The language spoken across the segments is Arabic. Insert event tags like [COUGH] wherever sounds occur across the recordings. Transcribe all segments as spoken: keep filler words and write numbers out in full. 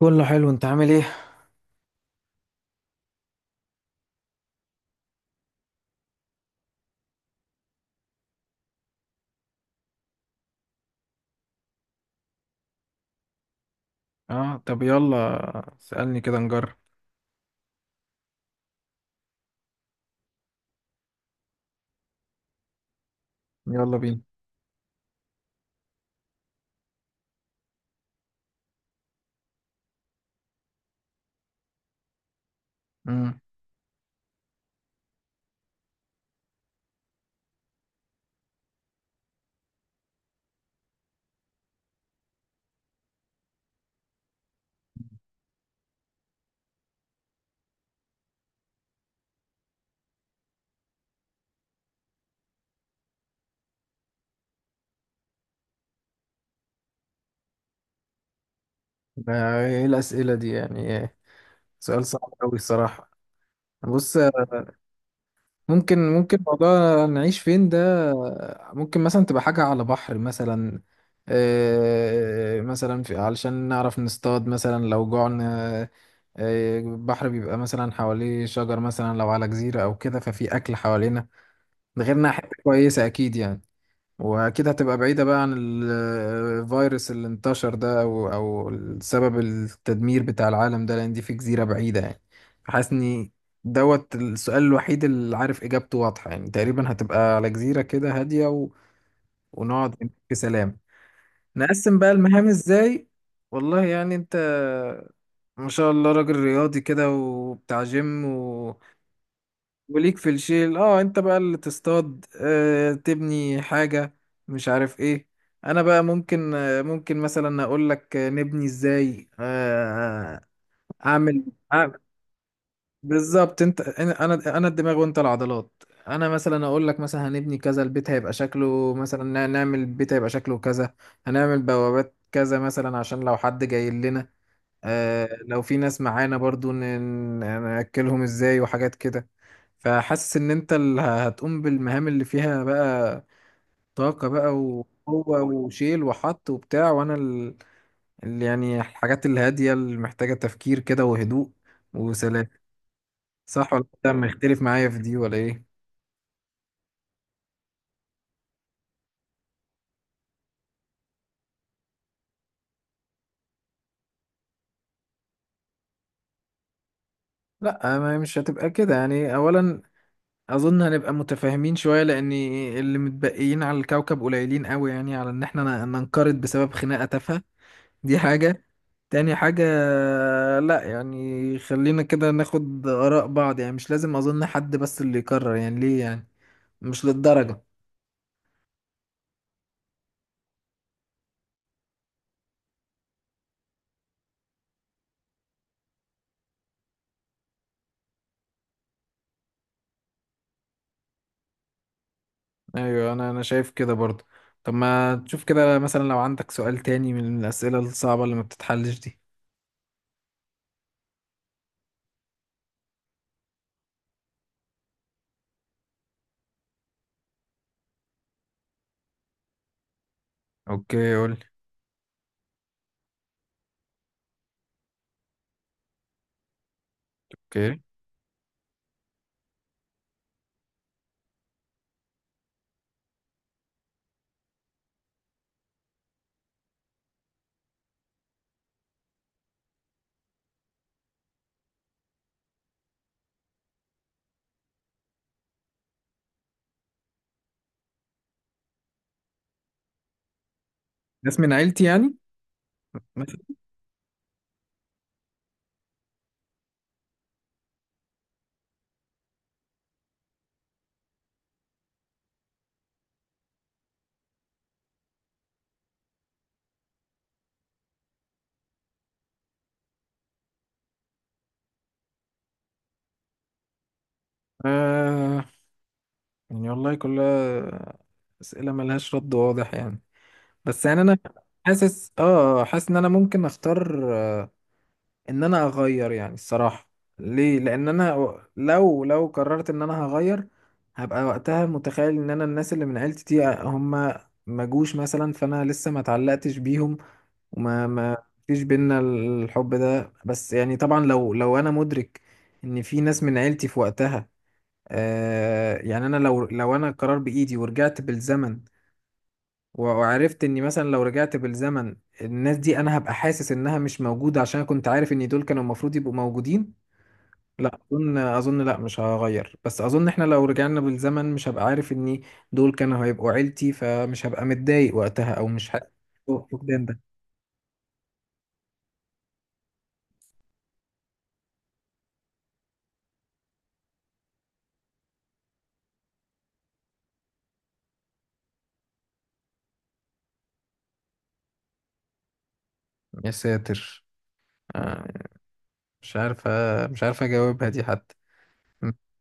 كله حلو، انت عامل ايه؟ اه، طب يلا سألني كده نجرب. يلا بينا. امم ده ايه الأسئلة دي يعني ايه؟ سؤال صعب قوي الصراحة. بص، ممكن ممكن موضوع نعيش فين ده، ممكن مثلا تبقى حاجة على بحر مثلا. آه، مثلا في علشان نعرف نصطاد مثلا لو جوعنا. آه، البحر بيبقى مثلا حواليه شجر، مثلا لو على جزيرة أو كده ففي أكل حوالينا. ده غير إنها حتة كويسة أكيد يعني. واكيد هتبقى بعيدة بقى عن ال- الفيروس اللي انتشر ده، او او السبب التدمير بتاع العالم ده، لان دي في جزيرة بعيدة يعني. حاسس اني دوت السؤال الوحيد اللي عارف اجابته واضحة، يعني تقريبا هتبقى على جزيرة كده هادية و... ونقعد في سلام. نقسم بقى المهام ازاي؟ والله يعني انت ما شاء الله راجل رياضي كده وبتاع جيم، وليك في الشيل. اه، انت بقى اللي تصطاد، آه تبني حاجة، مش عارف ايه. انا بقى ممكن آه ممكن مثلا اقول لك آه، نبني ازاي. آه اعمل أعمل- بالظبط، انت انا انا أنا الدماغ وانت العضلات. انا مثلا اقول لك مثلا هنبني كذا، البيت هيبقى شكله مثلا، نعمل البيت هيبقى شكله كذا، هنعمل بوابات كذا مثلا عشان لو حد جاي لنا. آه، لو في ناس معانا برضو ن- ن- نأكلهم ازاي وحاجات كده. فحاسس ان انت اللي ه- هتقوم بالمهام اللي فيها بقى طاقة بقى، وقوة وشيل وحط وبتاع، وانا ال- اللي يعني الحاجات الهادية اللي محتاجة تفكير كده وهدوء وسلام. صح ولا انت مختلف معايا في دي ولا ايه؟ لا ما مش هتبقى كده يعني. اولا اظن هنبقى متفاهمين شوية، لان اللي متبقيين على الكوكب قليلين قوي يعني، على ان احنا ن- ننقرض بسبب خناقة تافهة. دي حاجة. تاني حاجة، لا يعني خلينا كده ناخد آراء بعض يعني، مش لازم أظن حد بس اللي يقرر، يعني ليه يعني، مش للدرجة. أيوة، أنا أنا شايف كده برضه. طب ما تشوف كده مثلا لو عندك سؤال تاني من الأسئلة الصعبة اللي ما بتتحلش دي. اوكي قول لي. اوكي، ناس من عيلتي يعني. ماشي. آه، يعني والله كلها أسئلة ملهاش رد واضح يعني. بس يعني أنا حاسس، آه حاسس إن أنا ممكن أختار ان انا اغير يعني الصراحة. ليه؟ لان انا و- لو لو قررت ان انا هغير، هبقى وقتها متخيل ان انا الناس اللي من عيلتي دي هم ما جوش مثلا، فانا لسه ما اتعلقتش بيهم، وما ما فيش بينا الحب ده. بس يعني طبعا لو لو انا مدرك ان في ناس من عيلتي في وقتها، آه يعني انا لو لو انا قرار بايدي ورجعت بالزمن، و- وعرفت اني مثلا لو رجعت بالزمن الناس دي، انا هبقى حاسس انها مش موجودة، عشان أنا كنت عارف ان دول كانوا المفروض يبقوا موجودين. لا اظن، اظن لا مش هغير. بس اظن احنا لو رجعنا بالزمن مش هبقى عارف ان دول كانوا هيبقوا عيلتي، فمش هبقى متضايق وقتها او مش ه- فقدان ده. يا ساتر، آه، مش عارف، مش عارف اجاوبها دي حتى. [LAUGHS]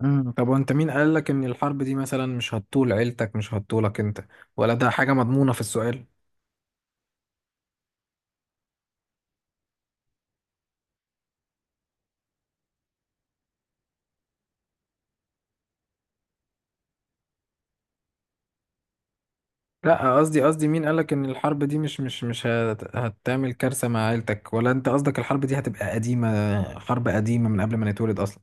مم. طب وانت مين قال لك ان الحرب دي مثلا مش هتطول عيلتك، مش هتطولك انت، ولا ده حاجة مضمونة في السؤال؟ لا قصدي، قصدي مين قالك ان الحرب دي مش مش مش هت- هتعمل كارثة مع عيلتك، ولا انت قصدك الحرب دي هتبقى قديمة، حرب قديمة من قبل ما نتولد اصلا؟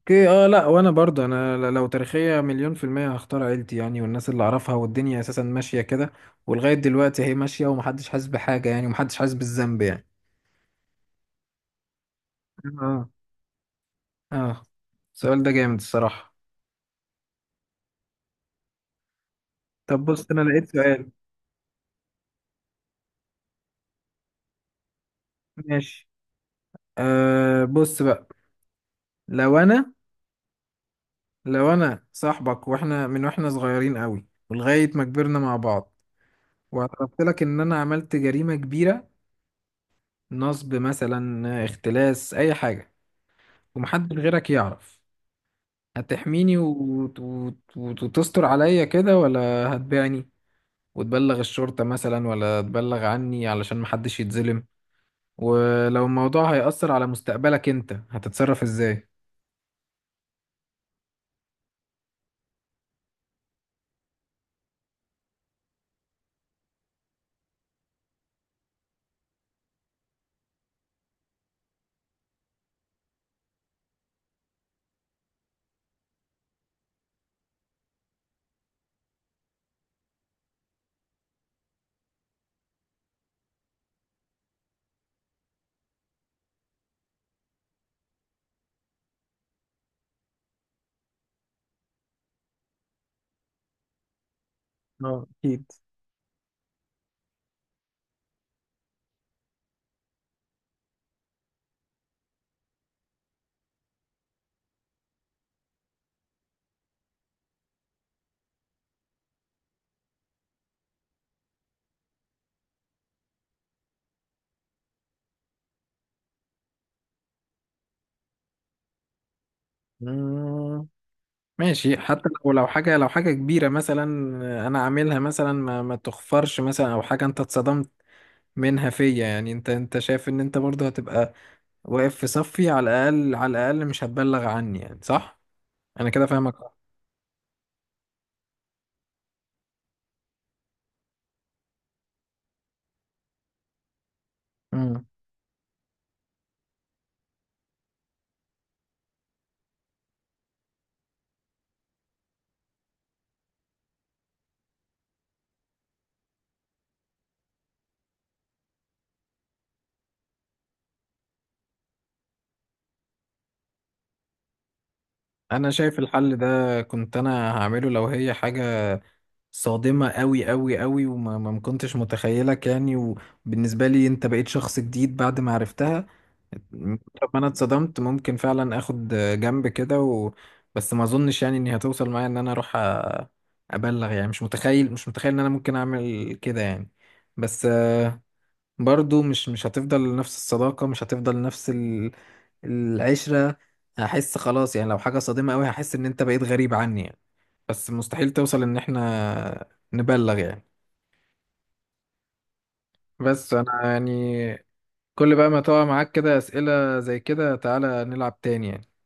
اوكي، اه، لا وانا برضه انا ل- لو تاريخية مية في المية هختار عيلتي يعني، والناس اللي اعرفها، والدنيا اساسا ماشية كده، ولغاية دلوقتي هي ماشية ومحدش حاسس بحاجة يعني، ومحدش حاسس بالذنب يعني. اه. اه. السؤال ده جامد الصراحة. طب بص انا لقيت سؤال. ماشي. آه بص بقى، لو انا لو انا صاحبك، واحنا من واحنا صغيرين قوي ولغاية ما كبرنا مع بعض، واعترفت لك ان انا عملت جريمة كبيرة، نصب مثلا، اختلاس، اي حاجة، ومحدش غيرك يعرف. هتحميني وت... وت... وت... وتستر عليا كده، ولا هتبيعني وتبلغ الشرطة مثلا، ولا تبلغ عني علشان محدش يتظلم؟ ولو الموضوع هيأثر على مستقبلك انت هتتصرف ازاي؟ اه اكيد. مم. ماشي، حتى لو لو حاجة لو حاجة كبيرة مثلا أنا عاملها مثلا، ما, ما تخفرش مثلا، أو حاجة أنت اتصدمت منها فيا يعني، أنت أنت شايف إن أنت برضه هتبقى واقف في صفي، على الأقل على الأقل مش هتبلغ عني يعني صح؟ أنا كده فاهمك. مم. أنا شايف الحل ده كنت أنا هعمله لو هي حاجة صادمة قوي قوي قوي، وما ما ما كنتش متخيلك يعني، وبالنسبة لي انت بقيت شخص جديد بعد ما عرفتها. طب انا اتصدمت ممكن فعلا اخد جنب كده و... بس ما اظنش يعني اني هتوصل معايا ان انا اروح أ- ابلغ يعني. مش متخيل مش متخيل ان انا ممكن اعمل كده يعني. بس آه، برضو مش مش هتفضل نفس الصداقة، مش هتفضل نفس ال... العشرة. هحس خلاص يعني، لو حاجة صادمة قوي هحس ان انت بقيت غريب عني يعني. بس مستحيل توصل ان احنا نبلغ يعني. بس انا يعني، كل بقى ما تقع معاك كده اسئلة زي كده تعالى نلعب تاني يعني.